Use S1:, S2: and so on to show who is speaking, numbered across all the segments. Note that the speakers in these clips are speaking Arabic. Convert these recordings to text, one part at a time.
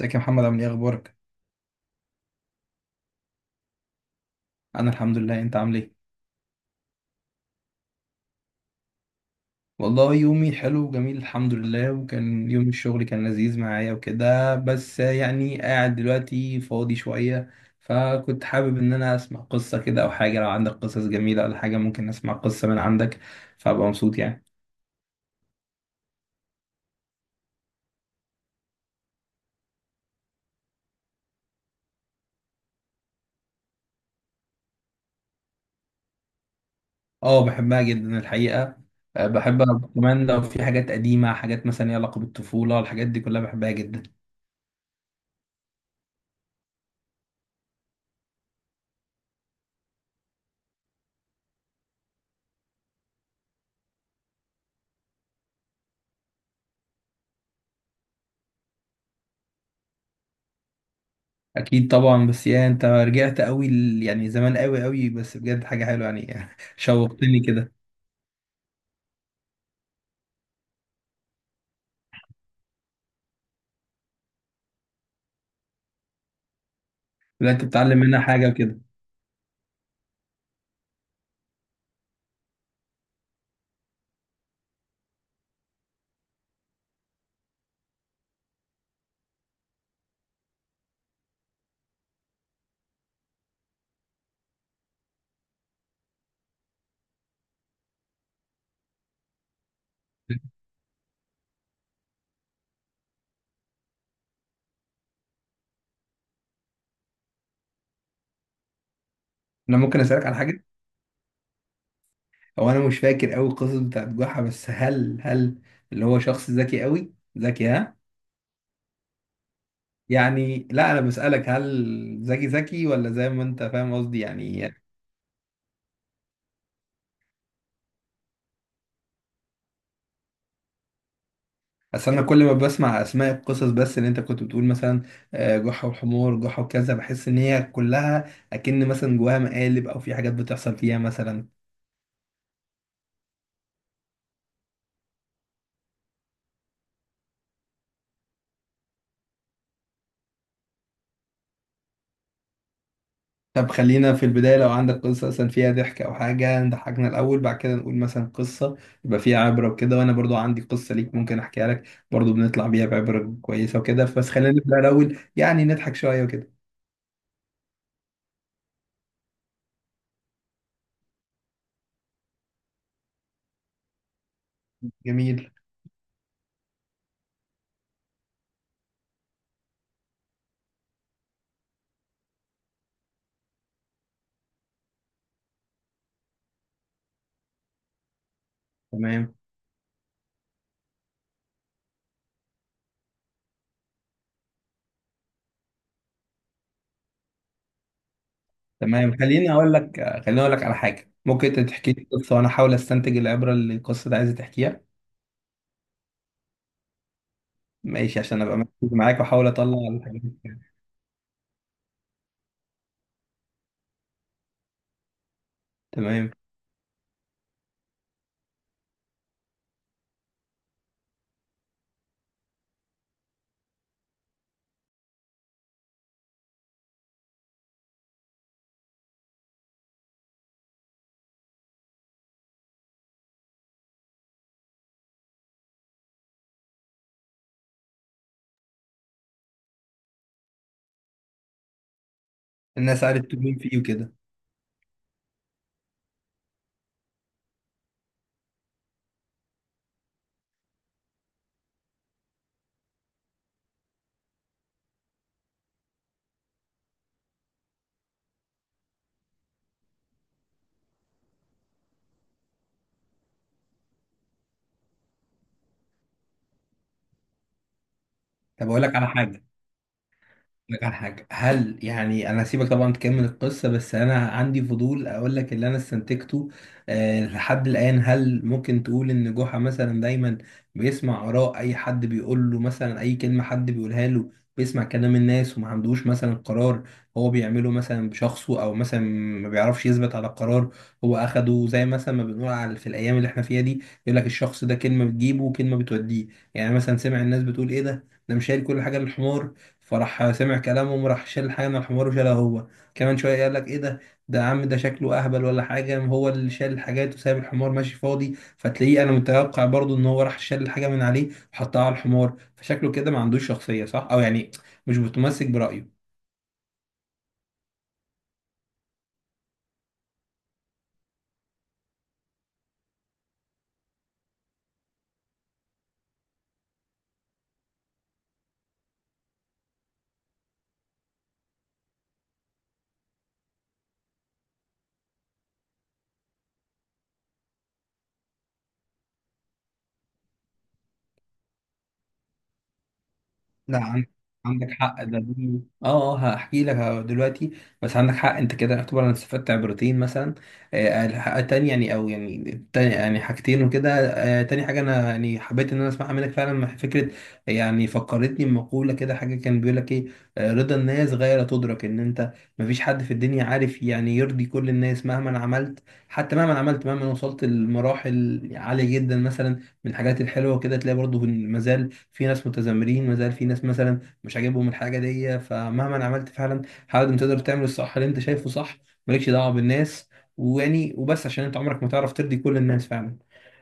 S1: ازيك يا محمد، عامل ايه؟ اخبارك؟ انا الحمد لله، انت عامل ايه؟ والله يومي حلو وجميل الحمد لله، وكان يوم الشغل كان لذيذ معايا وكده، بس يعني قاعد دلوقتي فاضي شوية. فكنت حابب ان انا اسمع قصة كده او حاجة، لو عندك قصص جميلة ولا حاجة ممكن اسمع قصة من عندك، فابقى مبسوط يعني. اه بحبها جدا الحقيقة. أه، بحبها كمان، لو في حاجات قديمة، حاجات مثلا ليها علاقة بالطفولة، الحاجات دي كلها بحبها جدا. اكيد طبعا، بس يا انت رجعت قوي يعني زمان قوي قوي، بس بجد حاجه حلوه يعني شوقتني كده. لا، انت بتتعلم منها حاجه وكده. انا ممكن اسالك على حاجه؟ هو انا مش فاكر قوي القصص بتاعت جحا، بس هل اللي هو شخص ذكي قوي ذكي؟ ها؟ يعني لا، انا بسالك هل ذكي ذكي ولا، زي ما انت فاهم قصدي يعني. اصل انا كل ما بسمع اسماء القصص، بس اللي انت كنت بتقول مثلا آه، جحا والحمار، جحا وكذا، بحس ان هي كلها اكن مثلا جواها مقالب، او في حاجات بتحصل فيها مثلا. طب خلينا في البداية، لو عندك قصة مثلا فيها ضحك أو حاجة نضحكنا الأول، بعد كده نقول مثلا قصة يبقى فيها عبرة وكده، وأنا برضو عندي قصة ليك ممكن أحكيها لك برضو بنطلع بيها بعبرة كويسة وكده، بس خلينا نبدأ الأول يعني نضحك شوية وكده. جميل. تمام. تمام خليني أقول لك، خليني أقول لك على حاجة، ممكن أنت تحكي لي قصة وأنا أحاول أستنتج العبرة اللي القصة دي عايزة تحكيها. ماشي، عشان أبقى مركز معاك وأحاول أطلع الحاجات. تمام. الناس عرفت مين فيه وكده. طب أقول لك على حاجة، لك على حاجة، هل يعني أنا هسيبك طبعا تكمل القصة، بس أنا عندي فضول أقول لك اللي أنا استنتجته أه لحد الآن. هل ممكن تقول إن جحا مثلا دايما بيسمع آراء أي حد، بيقول له مثلا أي كلمة حد بيقولها له، بيسمع كلام الناس، وما عندوش مثلا قرار هو بيعمله مثلا بشخصه، أو مثلا ما بيعرفش يثبت على قرار هو أخده، زي مثلا ما بنقول على في الأيام اللي إحنا فيها دي، يقول لك الشخص ده كلمة بتجيبه وكلمة بتوديه. يعني مثلا سمع الناس بتقول إيه ده، ده مش شايل كل حاجة للحمار، فراح سمع كلامهم راح شال حاجة من الحمار وشالها هو. كمان شوية قال لك ايه ده، ده عم ده شكله اهبل ولا حاجة، هو اللي شال الحاجات وسايب الحمار ماشي فاضي. فتلاقيه انا متوقع برضو ان هو راح شال الحاجة من عليه وحطها على الحمار، فشكله كده ما عندوش شخصية صح، او يعني مش متمسك برأيه. لا عن- عندك حق ده، دي اه اه هحكي لك دلوقتي. بس عندك حق انت كده، يعتبر انا استفدت عبرتين مثلا. آه تاني يعني، او يعني تاني يعني حاجتين وكده. آه تاني حاجه انا يعني حبيت ان انا اسمعها منك فعلا، مع فكره يعني فكرتني بمقوله كده، حاجه كان بيقول لك ايه آه، رضا الناس غير تدرك ان انت مفيش حد في الدنيا عارف يعني يرضي كل الناس مهما عملت. حتى مهما عملت، مهما وصلت لمراحل عاليه جدا مثلا، من الحاجات الحلوه كده، تلاقي برضه مازال في ناس متذمرين، ما زال في ناس مثلا مش عاجبهم الحاجه دي. فمهما أنا عملت فعلا، حاول انت تقدر تعمل الصح اللي انت شايفه صح، مالكش دعوه بالناس، ويعني وبس عشان انت عمرك ما تعرف ترضي كل الناس فعلا.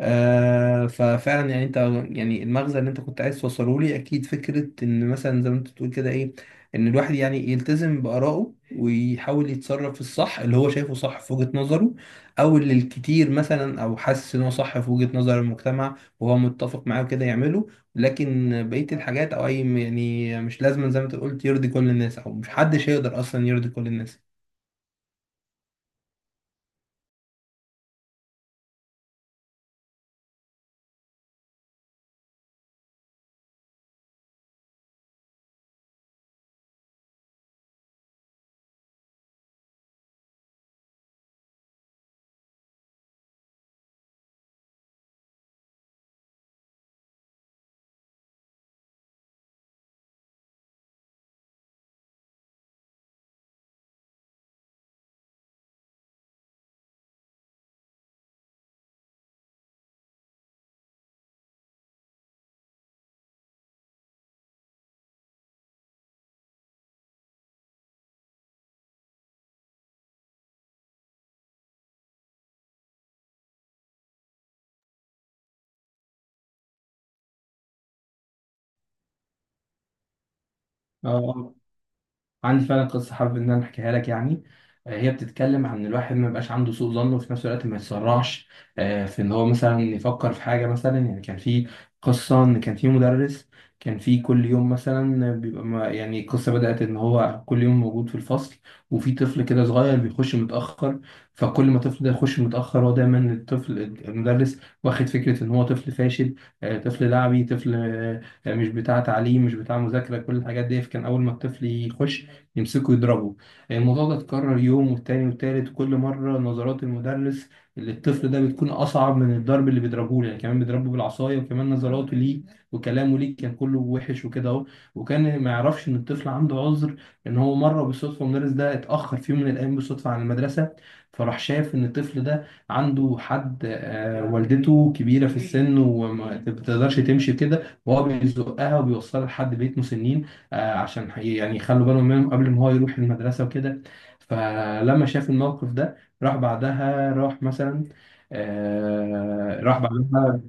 S1: آه ففعلا يعني انت، يعني المغزى اللي انت كنت عايز توصله لي اكيد فكره ان مثلا زي ما انت بتقول كده ايه، ان الواحد يعني يلتزم بارائه ويحاول يتصرف في الصح اللي هو شايفه صح في وجهه نظره، او اللي الكتير مثلا، او حاسس ان هو صح في وجهه نظر المجتمع وهو متفق معاه كده يعمله. لكن بقيه الحاجات، او اي يعني مش لازم زي ما انت قلت يرضي كل الناس، او مش حدش هيقدر اصلا يرضي كل الناس. اه عندي فعلا قصة حابب إن أنا أحكيها لك يعني. آه، هي بتتكلم عن إن الواحد ما يبقاش عنده سوء ظن، وفي نفس الوقت ما يتسرعش آه، في إن هو مثلا يفكر في حاجة مثلا. يعني كان في قصة، إن كان في مدرس، كان في كل يوم مثلا بيبقى ما يعني القصة بدأت إن هو كل يوم موجود في الفصل، وفي طفل كده صغير بيخش متأخر. فكل ما الطفل ده يخش متأخر، هو دايما الطفل المدرس واخد فكرة إن هو طفل فاشل، آه، طفل لعبي، طفل آه، مش بتاع تعليم، مش بتاع مذاكرة، كل الحاجات دي. فكان أول ما الطفل يخش يمسكوا يضربوا. الموضوع ده اتكرر يوم والتاني والتالت، وكل مرة نظرات المدرس للطفل ده بتكون أصعب من الضرب اللي بيضربه له، يعني كمان بيضربه بالعصاية وكمان نظراته ليه وكلامه ليه كان كله وحش وكده أهو. وكان ما يعرفش إن الطفل عنده عذر، إن هو مرة بالصدفة المدرس ده اتأخر في يوم من الأيام بالصدفة عن المدرسة، فراح شاف إن الطفل ده عنده حد آه، والدته كبيرة في السن وما بتقدرش تمشي كده، وهو بيزقها وبيوصلها لحد بيت مسنين، آه، عشان يعني يخلوا بالهم منهم قبل ما هو يروح المدرسة وكده. فلما شاف الموقف ده، راح بعدها راح مثلا، آه، راح بعدها.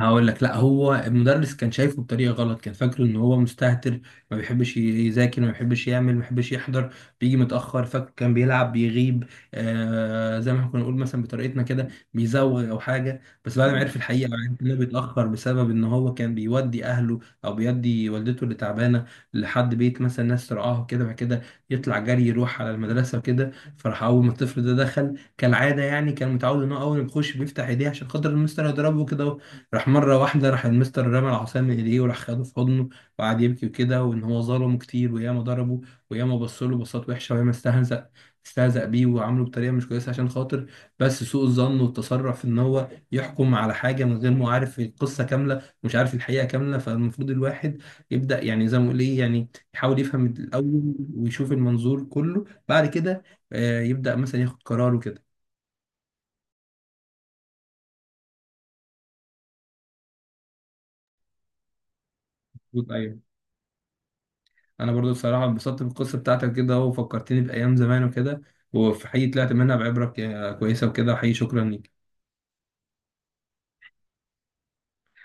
S1: هقول لك، لا هو المدرس كان شايفه بطريقه غلط، كان فاكره ان هو مستهتر، ما بيحبش يذاكر، ما بيحبش يعمل، ما بيحبش يحضر، بيجي متاخر، فاكر كان بيلعب بيغيب، آه زي ما احنا كنا نقول مثلا بطريقتنا كده بيزوغ او حاجه. بس بعد ما عرف الحقيقه، وعرف ان هو بيتاخر بسبب ان هو كان بيودي اهله، او بيودي والدته اللي تعبانه لحد بيت مثلا ناس ترعاه وكده، بعد كده يطلع جري يروح على المدرسه وكده. فراح اول ما الطفل ده دخل كالعاده، يعني كان متعود ان هو اول ما يخش بيفتح ايديه عشان خاطر المستر يضربه كده، راح مرة واحدة راح المستر رمى العصاية من ايديه وراح خده في حضنه، وقعد يبكي وكده، وان هو ظلمه كتير، وياما ضربه، وياما بصله بصات وحشة، وياما استهزأ بيه، وعامله بطريقة مش كويسة عشان خاطر، بس سوء الظن والتسرع في ان هو يحكم على حاجة من غير ما عارف القصة كاملة، ومش عارف الحقيقة كاملة. فالمفروض الواحد يبدأ، يعني زي ما بقول ايه، يعني يحاول يفهم الأول ويشوف المنظور كله، بعد كده آه، يبدأ مثلا ياخد قرار وكده. انا برضو بصراحه انبسطت بالقصه بتاعتك كده، وفكرتني بايام زمان وكده، وفي حقيقي طلعت منها بعبره كويسه وكده، وحقيقي شكرا ليك.